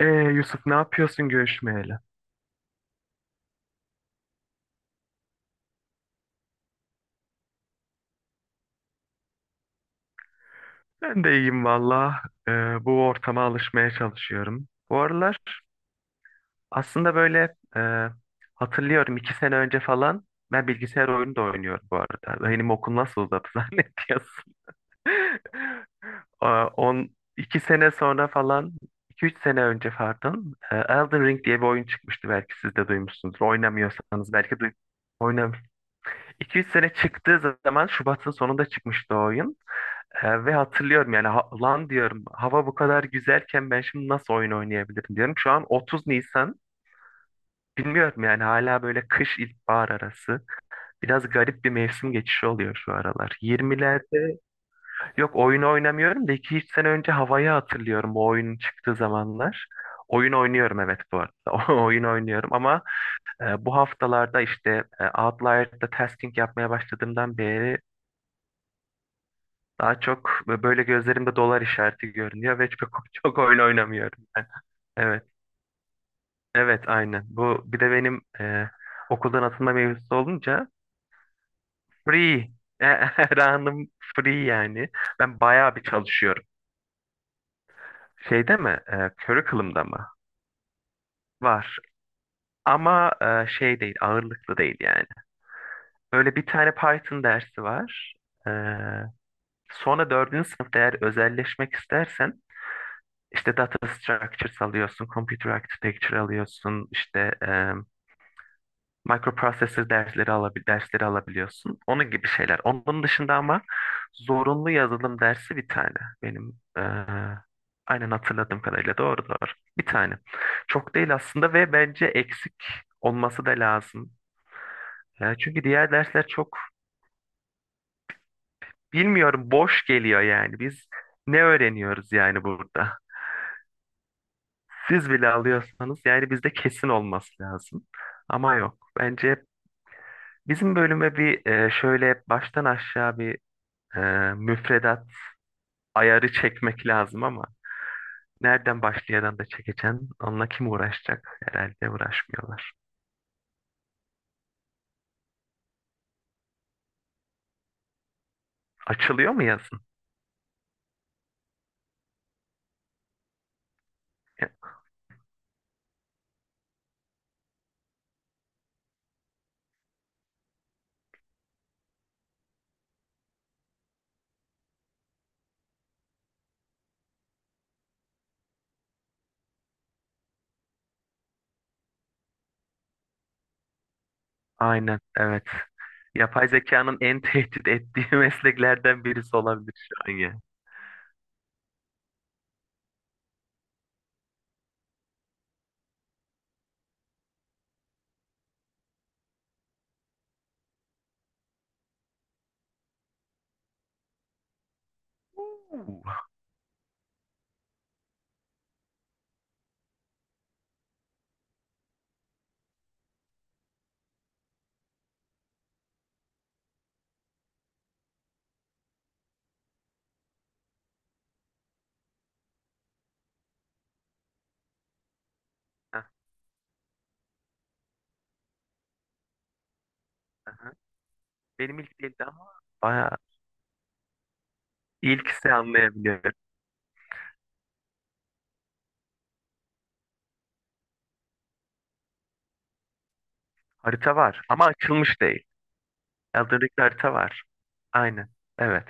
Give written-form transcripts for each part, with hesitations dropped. Yusuf, ne yapıyorsun görüşmeyeli? Ben de iyiyim valla. Bu ortama alışmaya çalışıyorum. Bu aralar aslında böyle hatırlıyorum iki sene önce falan ben bilgisayar oyunu da oynuyorum bu arada. Benim okul nasıl uzadı zannediyorsun? Aa, iki sene sonra falan, iki üç sene önce pardon, Elden Ring diye bir oyun çıkmıştı, belki siz de duymuşsunuzdur. Oynamıyorsanız belki duy oynam. 2-3 sene, çıktığı zaman Şubat'ın sonunda çıkmıştı o oyun. Ve hatırlıyorum, yani lan diyorum, hava bu kadar güzelken ben şimdi nasıl oyun oynayabilirim diyorum. Şu an 30 Nisan, bilmiyorum yani, hala böyle kış ilkbahar arası. Biraz garip bir mevsim geçişi oluyor şu aralar. 20'lerde, yok oyun oynamıyorum da, 2-3 sene önce havayı hatırlıyorum, bu oyunun çıktığı zamanlar. Oyun oynuyorum, evet, bu arada. Oyun oynuyorum ama bu haftalarda işte, Outlier'da tasking yapmaya başladığımdan beri daha çok böyle gözlerimde dolar işareti görünüyor ve çok çok oyun oynamıyorum ben. Evet, evet, aynen. Bu bir de benim, okuldan atılma mevzusu olunca free. Her anım free yani. Ben bayağı bir çalışıyorum. Şeyde mi? Curriculum'da mı? Var. Ama şey değil, ağırlıklı değil yani. Böyle bir tane Python dersi var. E, Sonra dördüncü sınıfta eğer özelleşmek istersen İşte data structures alıyorsun, computer architecture alıyorsun, işte, microprocessor dersleri alabiliyorsun. Onun gibi şeyler. Onun dışında ama zorunlu yazılım dersi bir tane. Benim, e, aynen hatırladığım kadarıyla doğru. Bir tane. Çok değil aslında ve bence eksik olması da lazım. Çünkü diğer dersler çok, bilmiyorum, boş geliyor yani. Biz ne öğreniyoruz yani burada? Siz bile alıyorsanız yani bizde kesin olması lazım. Ama yok. Bence bizim bölüme bir, şöyle baştan aşağı bir, e, müfredat ayarı çekmek lazım ama nereden başlayadan da çekeceksin? Onunla kim uğraşacak? Herhalde uğraşmıyorlar. Açılıyor mu yazın? Ya, aynen, evet. Yapay zekanın en tehdit ettiği mesleklerden birisi olabilir şu an ya. Oo. Heh, aha. Benim ilk değildi ama bayağı, ilk ise anlayabiliyorum. Harita var ama açılmış değil. Elden Ring'de harita var. Aynen. Evet.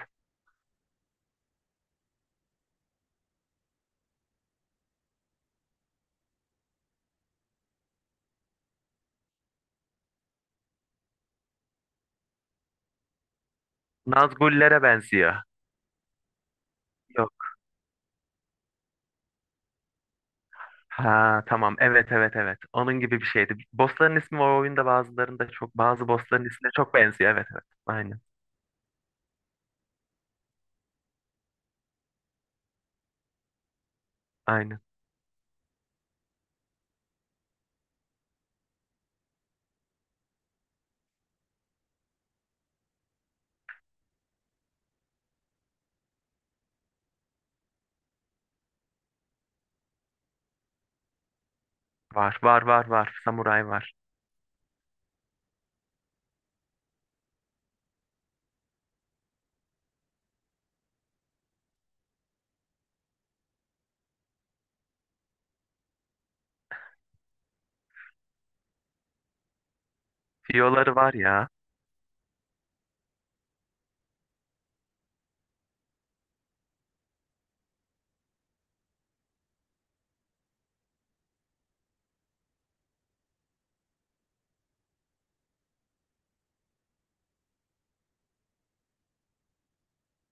Nazgullere benziyor. Yok. Ha, tamam. Evet, evet, evet. Onun gibi bir şeydi. Bossların ismi o oyunda bazılarında çok, bazı bossların ismine çok benziyor. Evet, evet. Aynen. Aynen. Var, var, var, var. Samuray var. Fiyoları var ya.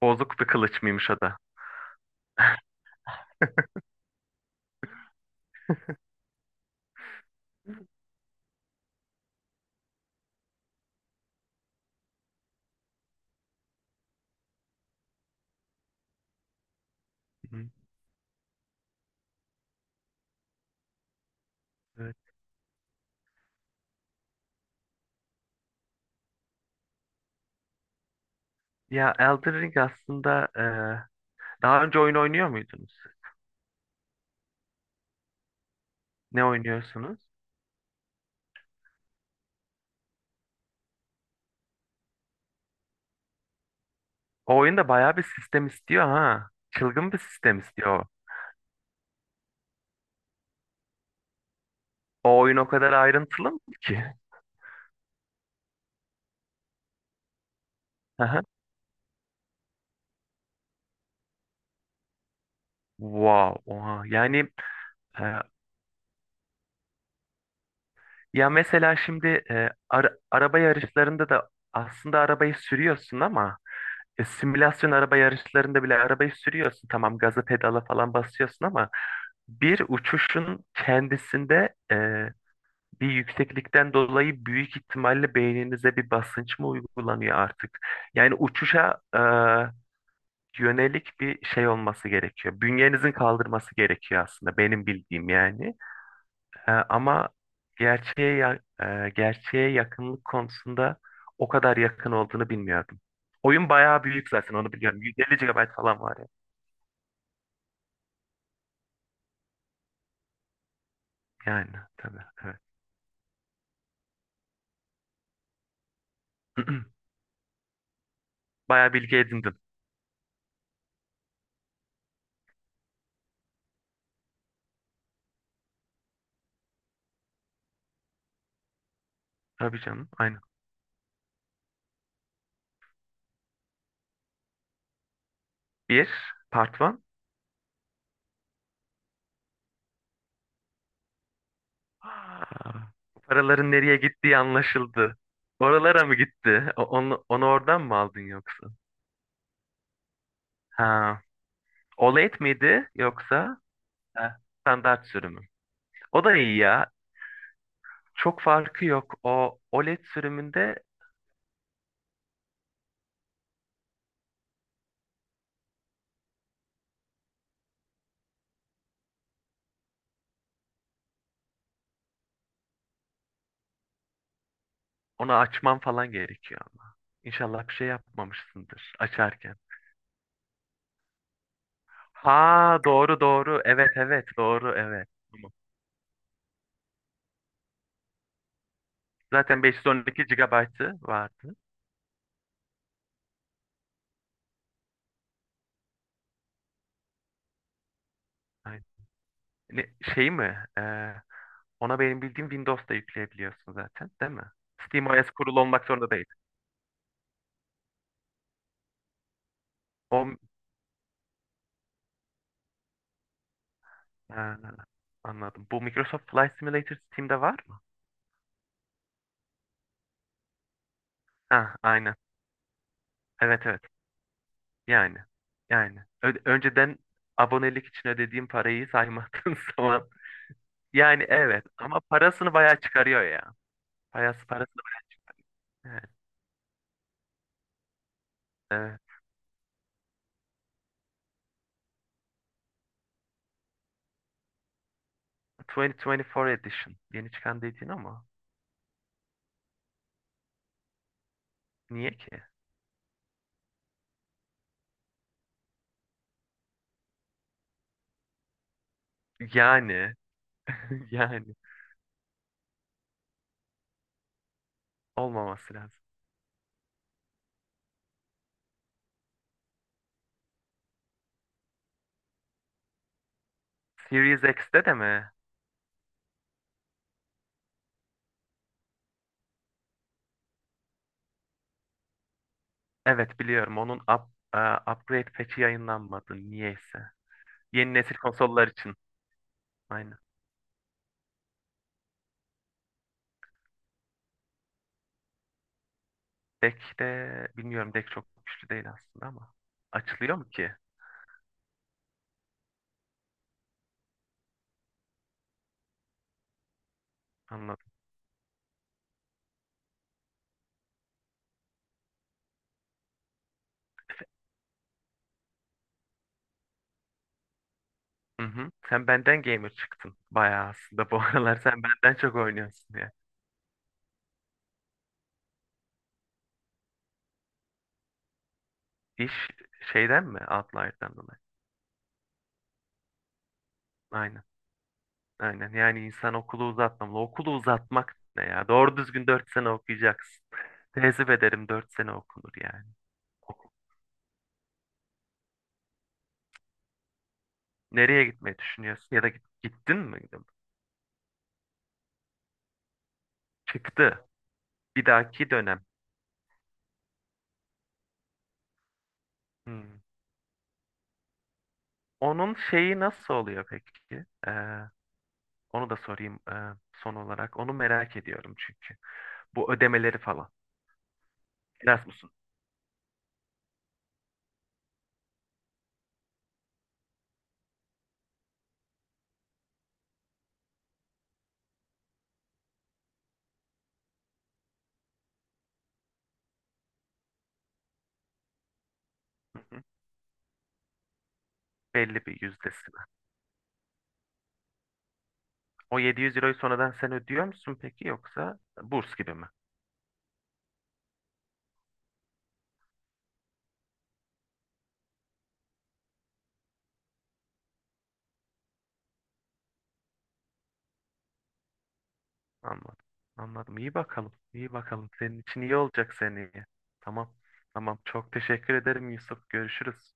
Bozuk bir kılıç mıymış o da? Hı. Evet. Ya Elden Ring aslında, daha önce oyun oynuyor muydunuz? Ne oynuyorsunuz? O oyunda bayağı bir sistem istiyor ha. Çılgın bir sistem istiyor. O oyun o kadar ayrıntılı mı ki? Aha. Wow. Oha. Yani, e, ya mesela şimdi, araba yarışlarında da aslında arabayı sürüyorsun ama, simülasyon araba yarışlarında bile arabayı sürüyorsun. Tamam, gazı pedala falan basıyorsun ama bir uçuşun kendisinde, bir yükseklikten dolayı büyük ihtimalle beyninize bir basınç mı uygulanıyor artık? Yani uçuşa, yönelik bir şey olması gerekiyor. Bünyenizin kaldırması gerekiyor aslında benim bildiğim yani. Ama gerçeğe gerçeğe yakınlık konusunda o kadar yakın olduğunu bilmiyordum. Oyun bayağı büyük, zaten onu biliyorum. 150 GB falan var ya. Yani, tabii, evet. Bayağı bilgi edindim. Tabii canım, aynen. Bir, part one. Aa, bu paraların nereye gittiği anlaşıldı. Oralara mı gitti? Onu oradan mı aldın yoksa? Ha. OLED miydi yoksa? Heh, standart sürümü? O da iyi ya. Çok farkı yok. O OLED sürümünde onu açmam falan gerekiyor ama. İnşallah bir şey yapmamışsındır açarken. Ha, doğru, doğru. Evet, evet, doğru, evet. Tamam. Zaten 512 GB'ı vardı. Aynen. Ne, şey mi? Ona benim bildiğim Windows'da yükleyebiliyorsun zaten, değil mi? SteamOS kurulu olmak zorunda değil. O. Ha, anladım. Bu Microsoft Flight Simulator Steam'de var mı? Ha, aynen. Evet, evet. Yani. Yani. Önceden abonelik için ödediğim parayı saymadığın zaman. Yani, evet. Ama parasını bayağı çıkarıyor ya. Parası parasını. Evet. Evet. 2024 edition. Yeni çıkan dediğin ama. Niye ki? Yani. Yani. Olmaması lazım. Series X'te de mi? Evet, biliyorum. Onun e, upgrade patch'i yayınlanmadı. Niyeyse. Yeni nesil konsollar için. Aynen. Deck de bilmiyorum. Deck çok güçlü değil aslında ama. Açılıyor mu ki? Anladım. Hı hı. Sen benden gamer çıktın bayağı aslında. Bu aralar sen benden çok oynuyorsun ya. İş şeyden mi? Outlier'dan dolayı. Aynen. Aynen. Yani insan okulu uzatmamalı. Okulu uzatmak ne ya? Doğru düzgün 4 sene okuyacaksın. Tezif ederim, 4 sene okunur yani. Oku- Nereye gitmeyi düşünüyorsun? Ya da gittin mi? Çıktı. Bir dahaki dönem. Hmm. Onun şeyi nasıl oluyor peki? Onu da sorayım, son olarak. Onu merak ediyorum çünkü. Bu ödemeleri falan. Erasmus'un. Hı hı. Belli bir yüzdesine var. O 700 euroyu sonradan sen ödüyor musun peki yoksa burs gibi mi? Anladım. Anladım. İyi bakalım. İyi bakalım. Senin için iyi olacak seneye. Tamam. Tamam. Çok teşekkür ederim Yusuf. Görüşürüz.